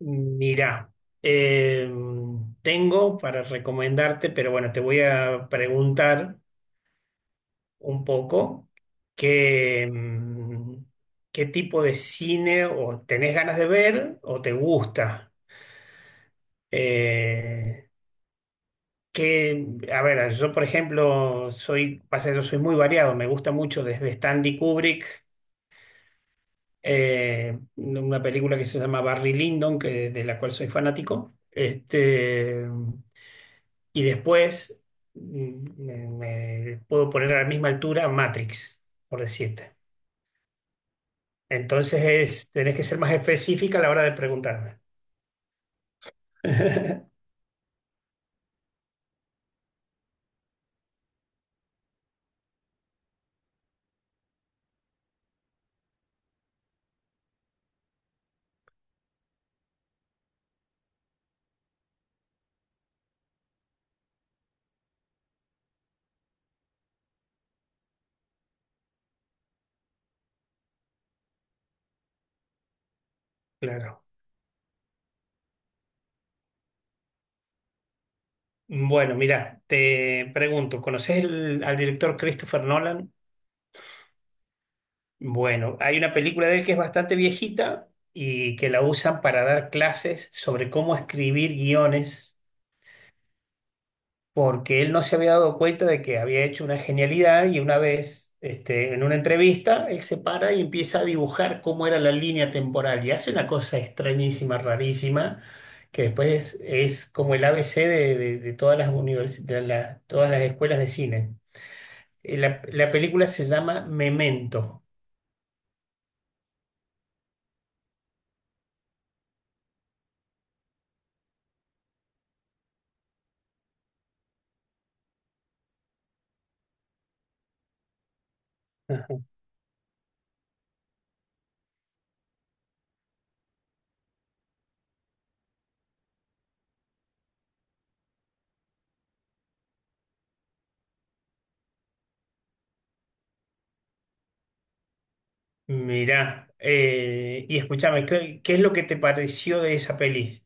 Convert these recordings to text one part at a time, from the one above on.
Mira, eh, tengo para recomendarte, pero bueno, te voy a preguntar un poco qué, mm, qué tipo de cine o tenés ganas de ver o te gusta. Eh, que, a ver, yo por ejemplo soy, pasa, yo soy muy variado, me gusta mucho desde Stanley Kubrick, una película que se llama Barry Lyndon, de la cual soy fanático. Y después me puedo poner a la misma altura Matrix, por decirte. Entonces tenés que ser más específica a la hora de preguntarme. Claro. Bueno, mira, te pregunto, ¿conoces al director Christopher Nolan? Bueno, hay una película de él que es bastante viejita y que la usan para dar clases sobre cómo escribir guiones porque él no se había dado cuenta de que había hecho una genialidad y una vez, en una entrevista, él se para y empieza a dibujar cómo era la línea temporal y hace una cosa extrañísima, rarísima, que después es como el ABC de todas las univers- de la- todas las escuelas de cine. La película se llama Memento. Ajá. Mirá, y escúchame, ¿qué es lo que te pareció de esa peli?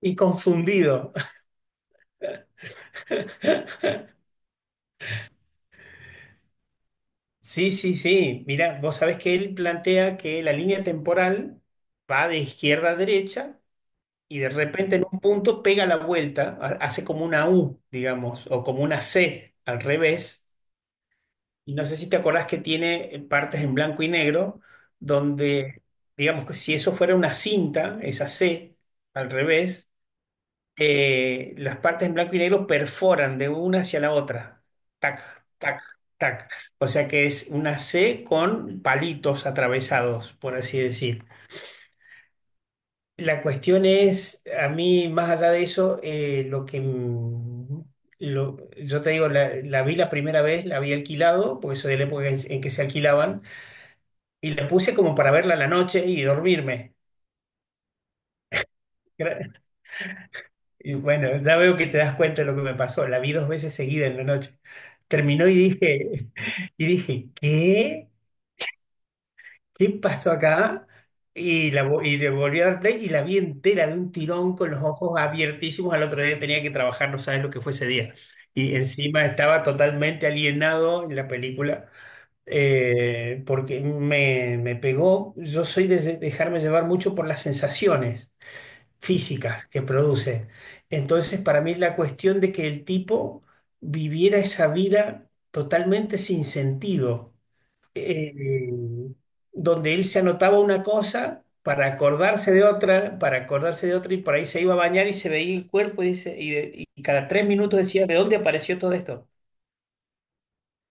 Y confundido. Sí, sí, sí. Mira, vos sabés que él plantea que la línea temporal va de izquierda a derecha y de repente en un punto pega la vuelta, hace como una U, digamos, o como una C al revés. Y no sé si te acordás que tiene partes en blanco y negro donde, digamos que si eso fuera una cinta, esa C al revés, las partes en blanco y negro perforan de una hacia la otra. Tac, tac, tac. O sea que es una C con palitos atravesados, por así decir. La cuestión es, a mí, más allá de eso, lo que... mm, lo- yo te digo, la vi la primera vez, la había alquilado, porque soy de la época en que se alquilaban, y la puse como para verla a la noche y dormirme. Y bueno, ya veo que te das cuenta de lo que me pasó. La vi dos veces seguida en la noche. Terminó y dije, y dije, ¿qué? ¿Qué pasó acá? Y le volví a dar play y la vi entera de un tirón con los ojos abiertísimos. Al otro día tenía que trabajar, no sabes lo que fue ese día. Y encima estaba totalmente alienado en la película, porque me pegó. Yo soy de dejarme llevar mucho por las sensaciones físicas que produce. Entonces, para mí es la cuestión de que el tipo viviera esa vida totalmente sin sentido, eh, donde él se anotaba una cosa para acordarse de otra, para acordarse de otra, y por ahí se iba a bañar y se veía el cuerpo y, dice, y cada 3 minutos decía, ¿de dónde apareció todo esto?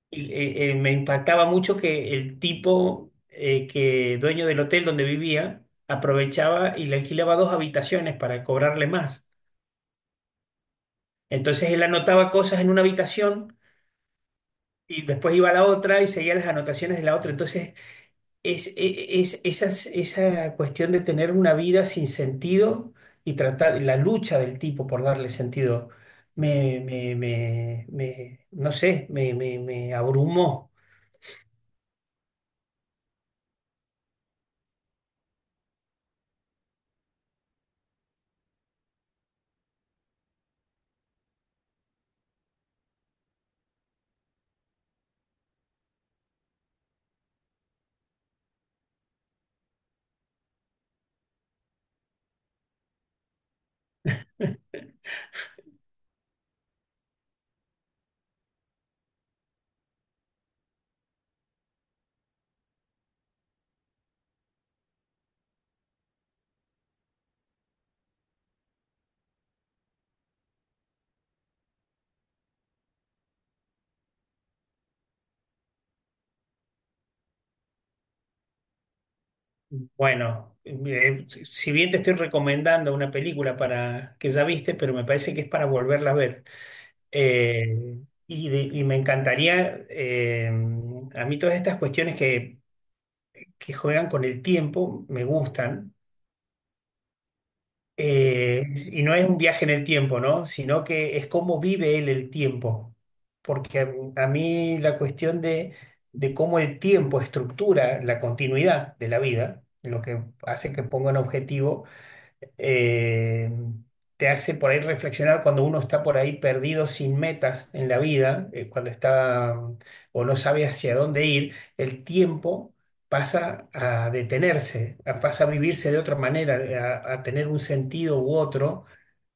Y me impactaba mucho que el tipo, que dueño del hotel donde vivía, aprovechaba y le alquilaba dos habitaciones para cobrarle más. Entonces él anotaba cosas en una habitación y después iba a la otra y seguía las anotaciones de la otra. Entonces es, e- e, es, esas- esa cuestión de tener una vida sin sentido y tratar la lucha del tipo por darle sentido, no sé, me abrumó. Bueno, si bien te estoy recomendando una película para que ya viste, pero me parece que es para volverla a ver. Eh, y me encantaría, a mí todas estas cuestiones que juegan con el tiempo me gustan. Eh, y no es un viaje en el tiempo, ¿no? Sino que es cómo vive él el tiempo. Porque a mí la cuestión de cómo el tiempo estructura la continuidad de la vida, lo que hace que ponga un objetivo, eh, te hace por ahí reflexionar cuando uno está por ahí perdido sin metas en la vida, cuando está, o no sabe hacia dónde ir, el tiempo pasa a detenerse, pasa a vivirse de otra manera, a tener un sentido u otro.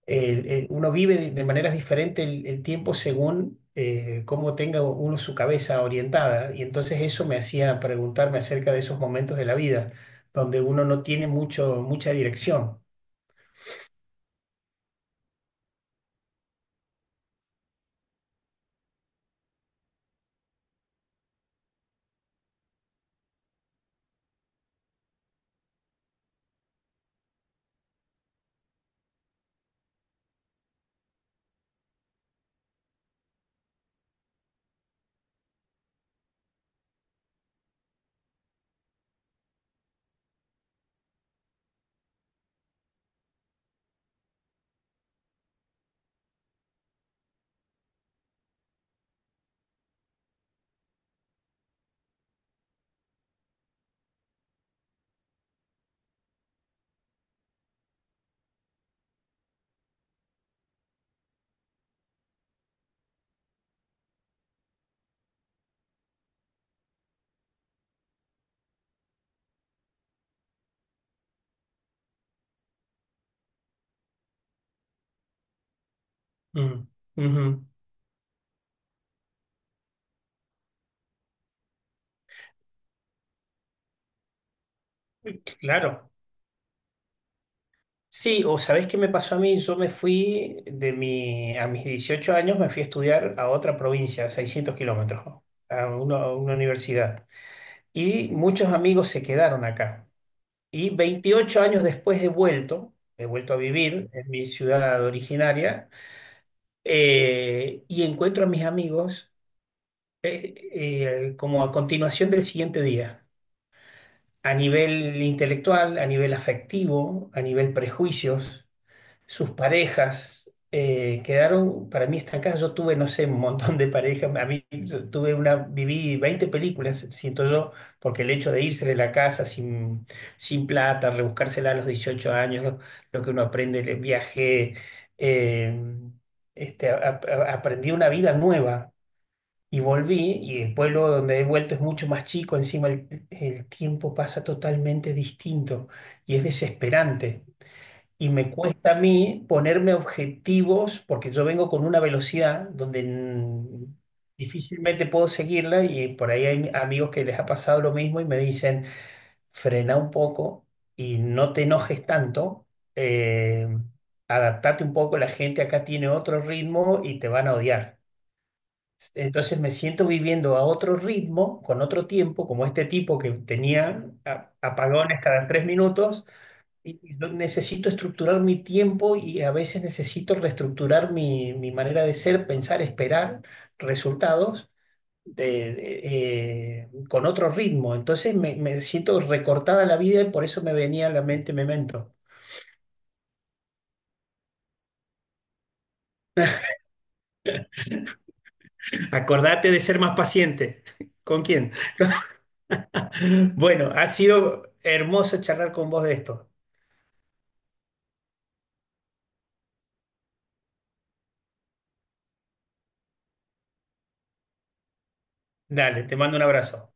Uno vive de maneras diferentes el tiempo según... cómo tenga uno su cabeza orientada. Y entonces eso me hacía preguntarme acerca de esos momentos de la vida donde uno no tiene mucha dirección. Mm, ujú, claro. Sí, o ¿sabés qué me pasó a mí? Yo me fui a mis 18 años me fui a estudiar a otra provincia, a 600 kilómetros, ¿no? A una universidad. Y muchos amigos se quedaron acá. Y 28 años después he vuelto a vivir en mi ciudad originaria, y encuentro a mis amigos, como a continuación del siguiente día, a nivel intelectual, a nivel afectivo, a nivel prejuicios sus parejas, quedaron para mí estancadas. Yo tuve, no sé, un montón de parejas. A mí yo tuve una, viví 20 películas, siento yo, porque el hecho de irse de la casa sin plata, rebuscársela a los 18 años, lo que uno aprende, el viaje, eh, aprendí una vida nueva. Y volví, y el pueblo donde he vuelto es mucho más chico, encima el tiempo pasa totalmente distinto y es desesperante. Y me cuesta a mí ponerme objetivos porque yo vengo con una velocidad donde, difícilmente puedo seguirla y por ahí hay amigos que les ha pasado lo mismo y me dicen, frena un poco y no te enojes tanto, eh, adaptate un poco, la gente acá tiene otro ritmo y te van a odiar. Entonces me siento viviendo a otro ritmo, con otro tiempo, como este tipo que tenía apagones cada 3 minutos y yo necesito estructurar mi tiempo y a veces necesito reestructurar mi manera de ser, pensar, esperar resultados de- de- con otro ritmo. Entonces me siento recortada la vida y por eso me venía a la mente Memento. Acordate de ser más paciente. ¿Con quién? Bueno, ha sido hermoso charlar con vos de esto. Dale, te mando un abrazo.